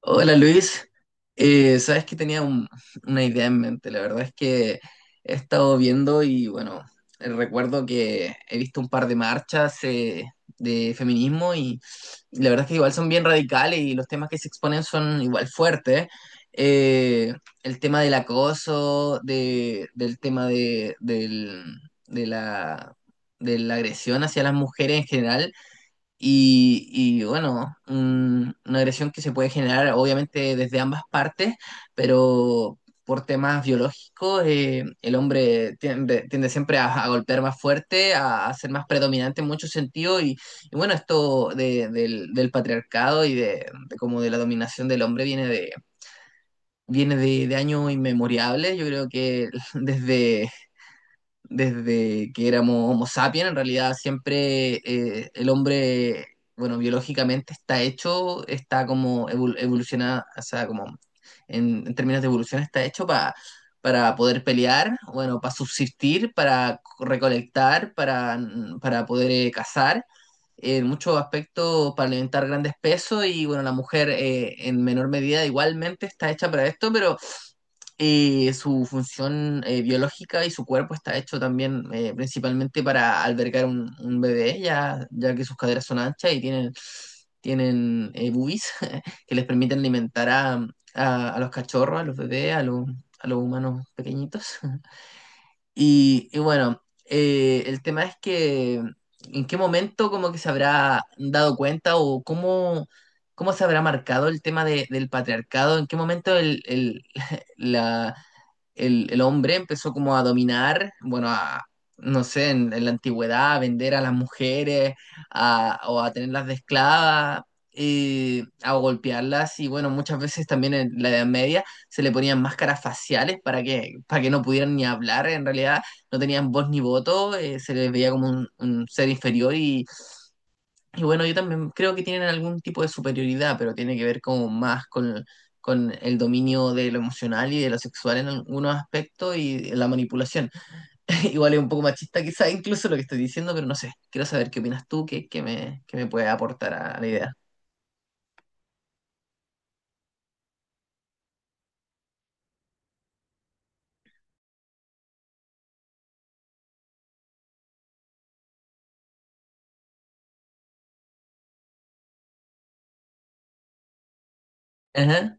Hola Luis. Sabes que tenía una idea en mente. La verdad es que he estado viendo y bueno, recuerdo que he visto un par de marchas, de feminismo, y la verdad es que igual son bien radicales y los temas que se exponen son igual fuertes. Eh, el tema del acoso, de, del tema de, del- de la, de la agresión hacia las mujeres en general. y, bueno, una agresión que se puede generar obviamente desde ambas partes, pero por temas biológicos, el hombre tiende siempre a golpear más fuerte, a ser más predominante en muchos sentidos. Y bueno, esto del patriarcado y de como de la dominación del hombre viene de años inmemorables. Yo creo que desde que éramos Homo sapiens, en realidad siempre, el hombre, bueno, biológicamente está hecho, está como evolucionado, o sea, como en términos de evolución está hecho para poder pelear. Bueno, para subsistir, para recolectar, para, para poder, cazar, en muchos aspectos para alimentar grandes pesos. Y bueno, la mujer, en menor medida igualmente está hecha para esto, pero su función, biológica y su cuerpo está hecho también, principalmente para albergar un bebé, ya que sus caderas son anchas y tienen, tienen boobies que les permiten alimentar a los cachorros, a los bebés, a los humanos pequeñitos. Y bueno, el tema es que en qué momento como que se habrá dado cuenta o cómo se habrá marcado el tema del patriarcado, en qué momento la, el hombre empezó como a dominar, bueno, a, no sé, en la antigüedad, a vender a las mujeres, o a tenerlas de esclavas, a golpearlas. Y bueno, muchas veces también en la Edad Media se le ponían máscaras faciales para que no pudieran ni hablar. En realidad no tenían voz ni voto, se les veía como un ser inferior. Y bueno, yo también creo que tienen algún tipo de superioridad, pero tiene que ver como más con el dominio de lo emocional y de lo sexual en algunos aspectos y la manipulación. Igual es un poco machista, quizá incluso lo que estoy diciendo, pero no sé, quiero saber qué opinas tú, qué me puede aportar a la idea. Ajá.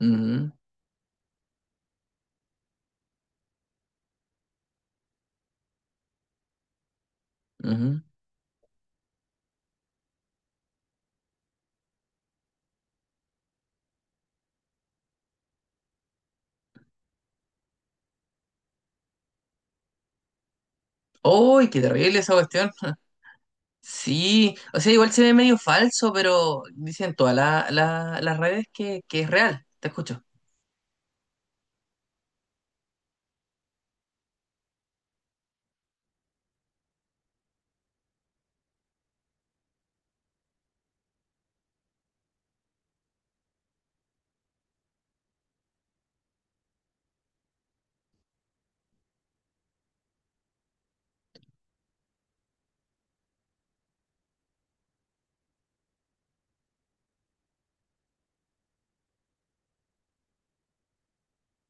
Ujú, ujú. ¡Uy, qué terrible esa cuestión! Sí, o sea, igual se ve medio falso, pero dicen todas las redes que es real. Te escucho.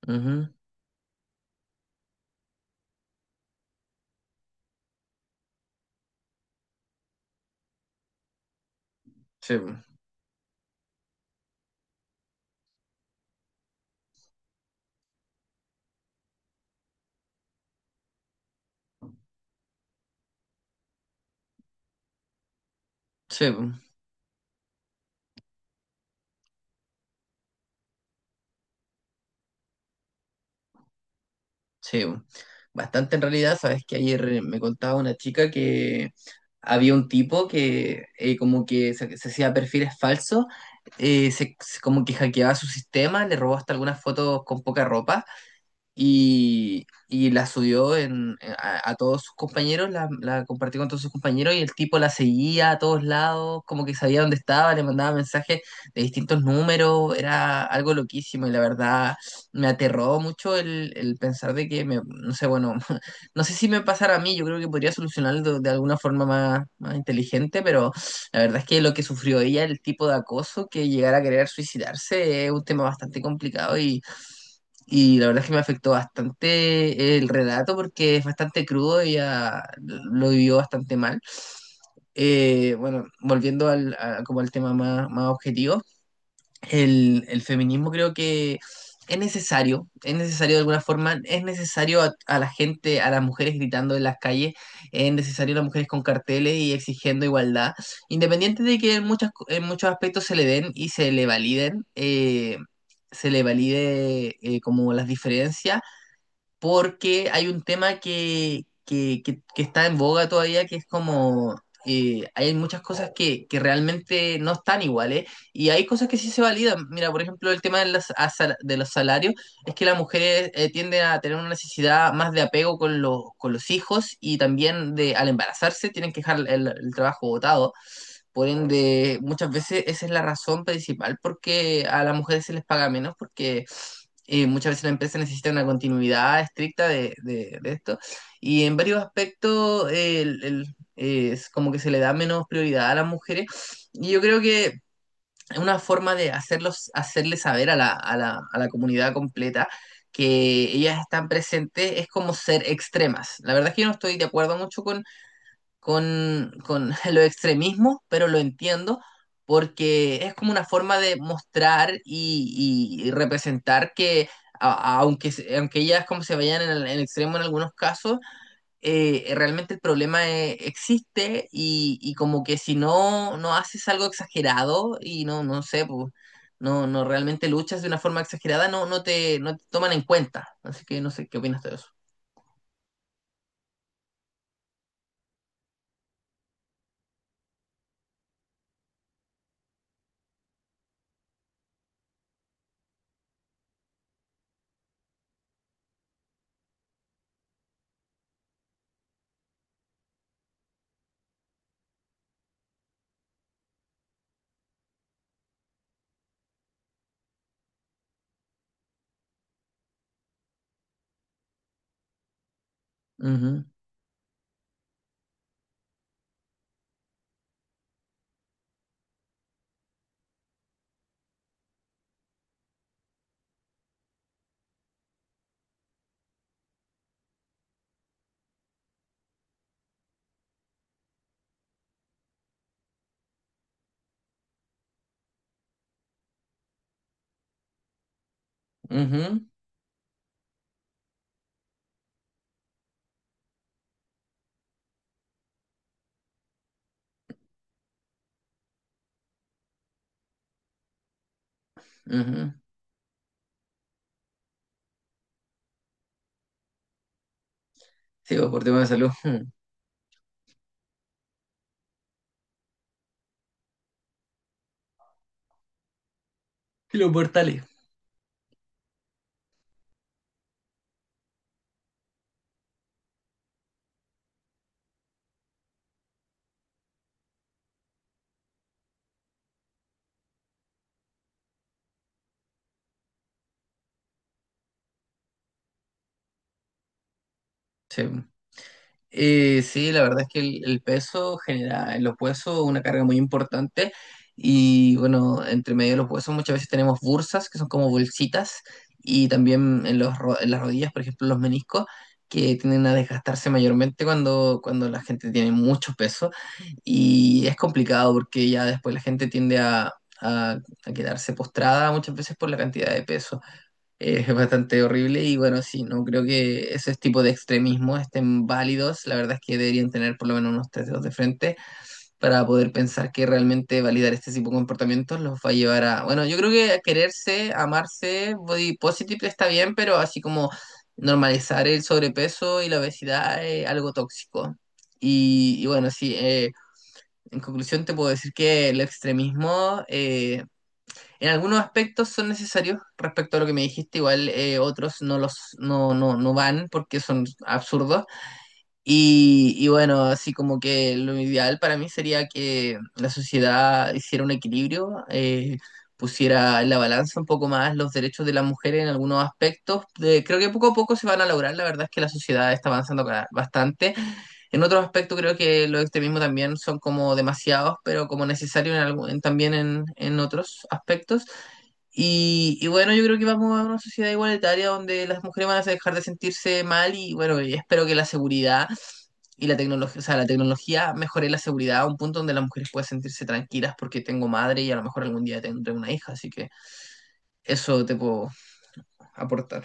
Ujú. Sí, bu. Sí, bu. Sí. Bu. Bastante en realidad. Sabes que ayer me contaba una chica que había un tipo que, como que se hacía perfiles falsos. Como que hackeaba su sistema, le robó hasta algunas fotos con poca ropa y la subió a todos sus compañeros, la compartió con todos sus compañeros. Y el tipo la seguía a todos lados, como que sabía dónde estaba, le mandaba mensajes de distintos números. Era algo loquísimo y la verdad me aterró mucho el pensar de que, no sé, bueno, no sé si me pasara a mí. Yo creo que podría solucionarlo de alguna forma más inteligente, pero la verdad es que lo que sufrió ella, el tipo de acoso, que llegara a querer suicidarse, es un tema bastante complicado y... Y la verdad es que me afectó bastante el relato porque es bastante crudo, ella lo vivió bastante mal. Bueno, volviendo como al tema más objetivo, el feminismo creo que es necesario. Es necesario de alguna forma, es necesario a la gente, a las mujeres gritando en las calles, es necesario a las mujeres con carteles y exigiendo igualdad, independiente de que en muchos aspectos se le den y se le validen, se le valide como las diferencias, porque hay un tema que está en boga todavía, que es como, hay muchas cosas que realmente no están iguales y hay cosas que sí se validan. Mira, por ejemplo, el tema de los salarios es que las mujeres, tienden a tener una necesidad más de apego con los hijos, y también de al embarazarse tienen que dejar el trabajo botado. Por ende, muchas veces esa es la razón principal porque a las mujeres se les paga menos, porque, muchas veces la empresa necesita una continuidad estricta de esto, y en varios aspectos, es como que se le da menos prioridad a las mujeres. Y yo creo que es una forma de hacerle saber a a la comunidad completa que ellas están presentes, es como ser extremas. La verdad es que yo no estoy de acuerdo mucho con los extremismos, pero lo entiendo porque es como una forma de mostrar y representar que, aunque, aunque ellas como se vayan en el extremo en algunos casos, realmente el problema, existe, y como que si no haces algo exagerado y no sé, pues, no realmente luchas de una forma exagerada, no te toman en cuenta. Así que no sé qué opinas de eso. Ujú, ujú, ujú. Sí, pues, por tema de salud. Los portales. Sí. Sí, la verdad es que el peso genera en los huesos una carga muy importante. Y bueno, entre medio de los huesos muchas veces tenemos bursas que son como bolsitas, y también en las rodillas, por ejemplo, los meniscos que tienden a desgastarse mayormente cuando la gente tiene mucho peso. Y es complicado porque ya después la gente tiende a a quedarse postrada muchas veces por la cantidad de peso. Es bastante horrible, y bueno, sí, no creo que esos tipos de extremismo estén válidos. La verdad es que deberían tener por lo menos unos tres dedos de frente para poder pensar que realmente validar este tipo de comportamientos los va a llevar a, bueno, yo creo que quererse, amarse, body positive está bien, pero así como normalizar el sobrepeso y la obesidad es algo tóxico. Y bueno, sí, en conclusión te puedo decir que el extremismo, en algunos aspectos son necesarios respecto a lo que me dijiste, igual, otros no los no, no, no van porque son absurdos. Y bueno, así como que lo ideal para mí sería que la sociedad hiciera un equilibrio, pusiera en la balanza un poco más los derechos de las mujeres en algunos aspectos. Creo que poco a poco se van a lograr. La verdad es que la sociedad está avanzando, bastante. En otros aspectos creo que los extremismos también son como demasiados, pero como necesarios en también en otros aspectos. Y bueno, yo creo que vamos a una sociedad igualitaria donde las mujeres van a dejar de sentirse mal, y bueno, y espero que la seguridad y la tecnología, o sea, la tecnología mejore la seguridad a un punto donde las mujeres puedan sentirse tranquilas, porque tengo madre y a lo mejor algún día tendré una hija, así que eso te puedo aportar.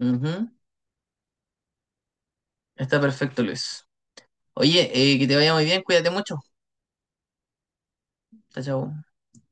Ujú. Está perfecto, Luis. Oye, que te vaya muy bien, cuídate mucho. Chao, chao.